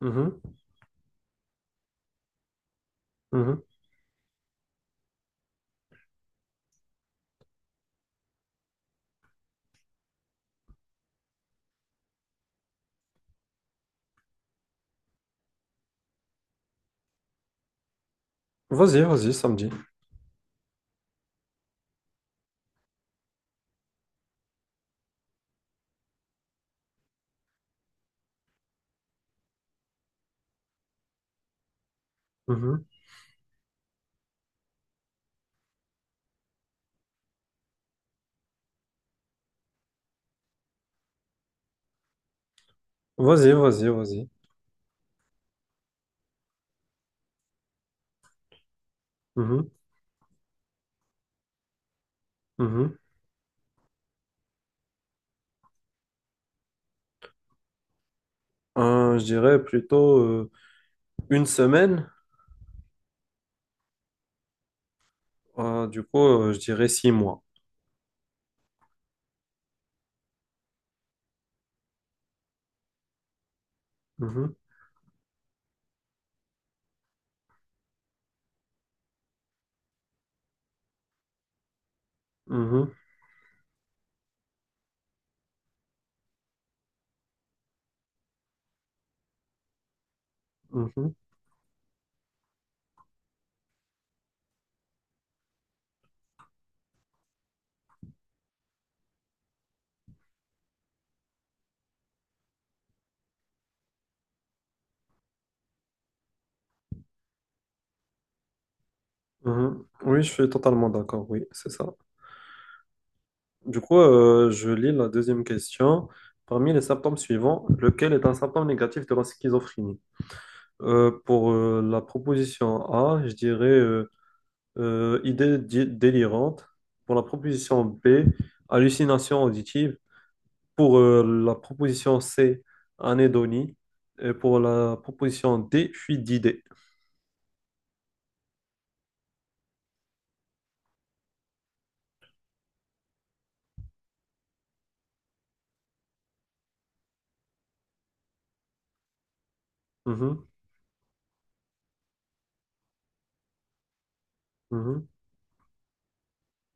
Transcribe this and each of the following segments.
Mhm, mhm. Vas-y, vas-y, samedi. Mhm. Vas-y, vas-y, vas-y. Mhm, mhm. Je dirais plutôt une semaine. Du coup, je dirais 6 mois. Mhm, mhm, mhm, mhm. Oui, je suis totalement d'accord. Oui, c'est ça. Du coup, je lis la deuxième question. Parmi les symptômes suivants, lequel est un symptôme négatif de la schizophrénie? Pour la proposition A, je dirais idée délirante. Pour la proposition B, hallucination auditive. Pour la proposition C, anédonie. Et pour la proposition D, fuite d'idées. Mhm, mhm,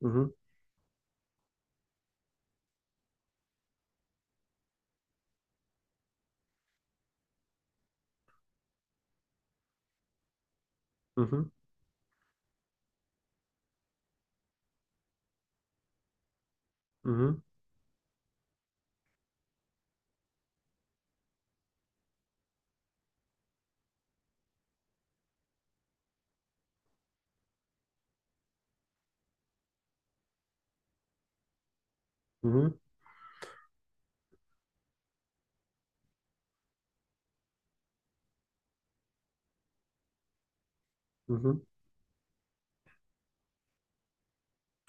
mhm, mhm, mhm, mhm, mhm.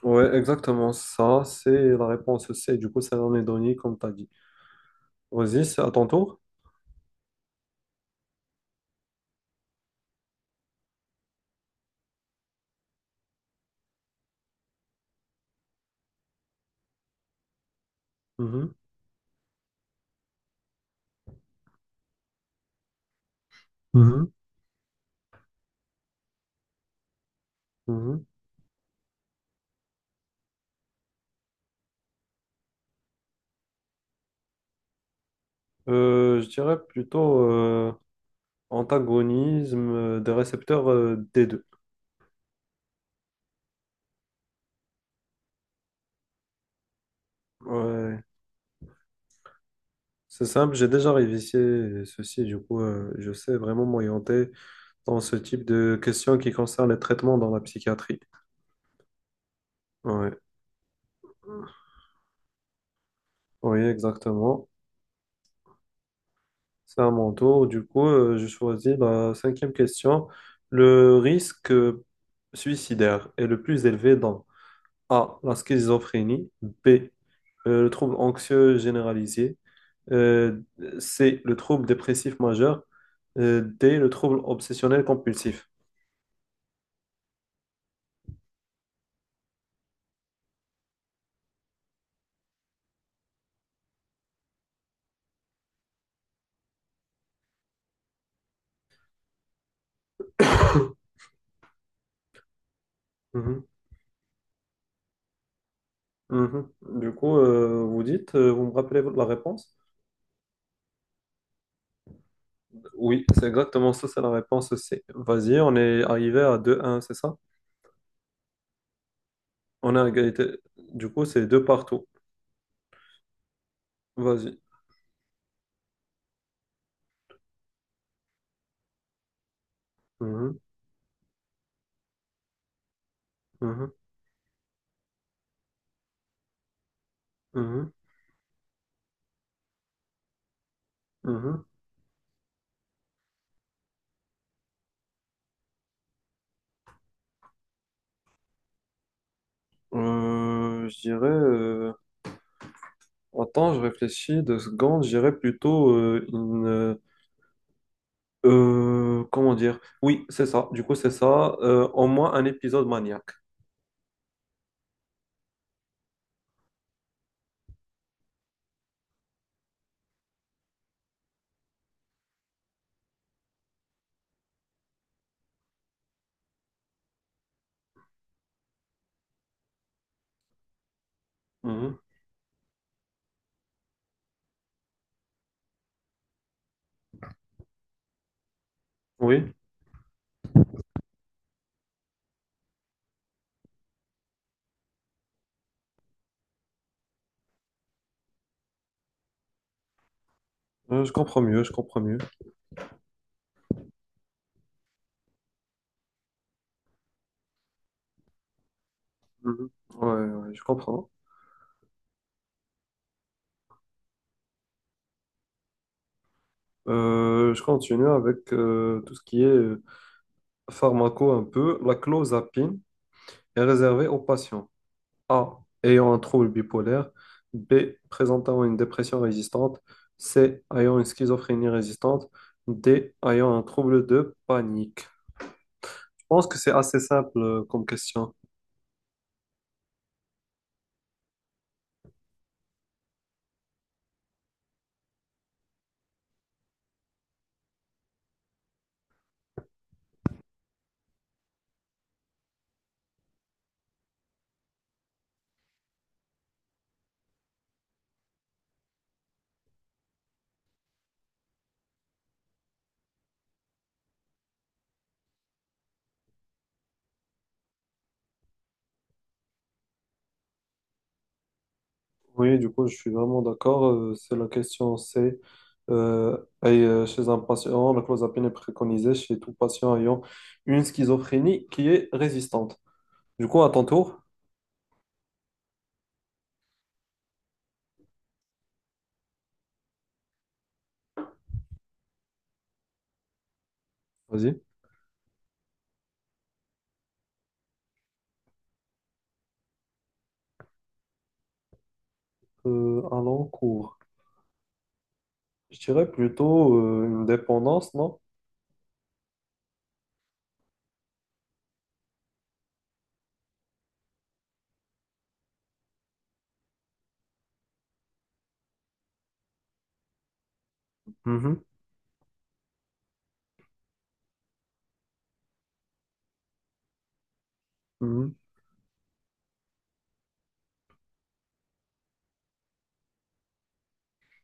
Ouais, exactement ça. C'est la réponse C. Du coup, c'est l'anédonie, comme tu as dit. Vas-y, c'est à ton tour. Mhm, mhm, mhm. Je dirais plutôt, antagonisme des récepteurs des deux. Ouais, c'est simple, j'ai déjà révisé ceci, du coup, je sais vraiment m'orienter dans ce type de questions qui concernent les traitements dans la psychiatrie. Ouais. Oui, exactement. C'est à mon tour. Du coup, je choisis la cinquième question. Le risque suicidaire est le plus élevé dans A, la schizophrénie, B, le trouble anxieux généralisé, euh, c'est le trouble dépressif majeur, D, le trouble obsessionnel compulsif. Mhm, mhm. Du coup, vous dites, vous me rappelez la réponse? Oui, c'est exactement ça, c'est la réponse C. Vas-y, on est arrivé à 2-1, c'est ça? On est à égalité. Du coup, c'est deux partout. Vas-y. Mhm, mhm, mhm, mhm. Euh, je dirais... euh, Attends, je réfléchis deux secondes. Je dirais plutôt comment dire? Oui, c'est ça. Du coup, c'est ça. Au moins un épisode maniaque. Mhm. Oui, je comprends mieux, je comprends mieux. Mhm. Ouais, ouais, je comprends. Je continue avec tout ce qui est pharmaco un peu. La clozapine est réservée aux patients A. ayant un trouble bipolaire, B. présentant une dépression résistante, C. ayant une schizophrénie résistante, D. ayant un trouble de panique. Je pense que c'est assez simple comme question. Oui, du coup, je suis vraiment d'accord. C'est la question, c'est euh, et, chez un patient, la clozapine est préconisée chez tout patient ayant une schizophrénie qui est résistante. Du coup, à ton tour, vas-y. À l'encours. Je dirais plutôt une dépendance, non? Mhm, mhm,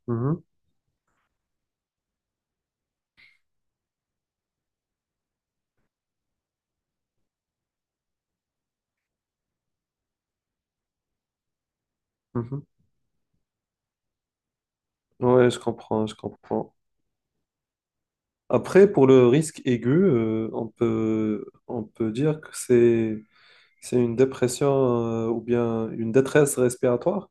mhm, mhm. Ouais, je comprends, je comprends. Après, pour le risque aigu, on peut dire que c'est une dépression ou bien une détresse respiratoire.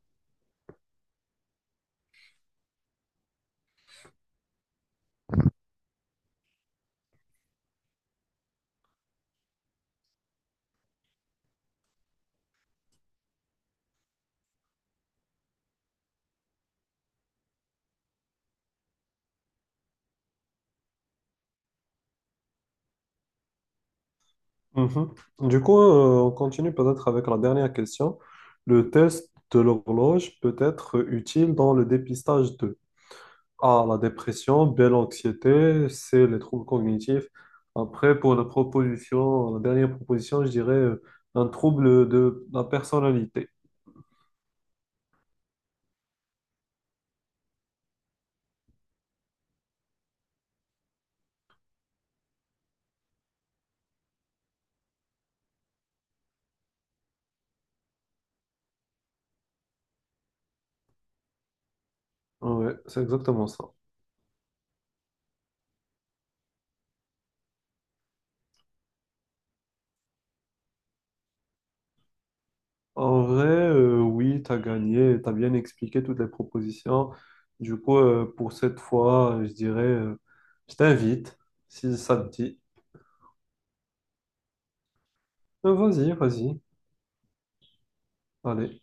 Mhm. Du coup, on continue peut-être avec la dernière question. Le test de l'horloge peut être utile dans le dépistage de A, la dépression, B, l'anxiété, C, les troubles cognitifs. Après, pour la proposition, la dernière proposition, je dirais un trouble de la personnalité. Ouais, c'est exactement ça. En vrai, oui, tu as gagné, tu as bien expliqué toutes les propositions. Du coup, pour cette fois, je dirais, je t'invite, si ça te dit. Vas-y, vas-y. Allez.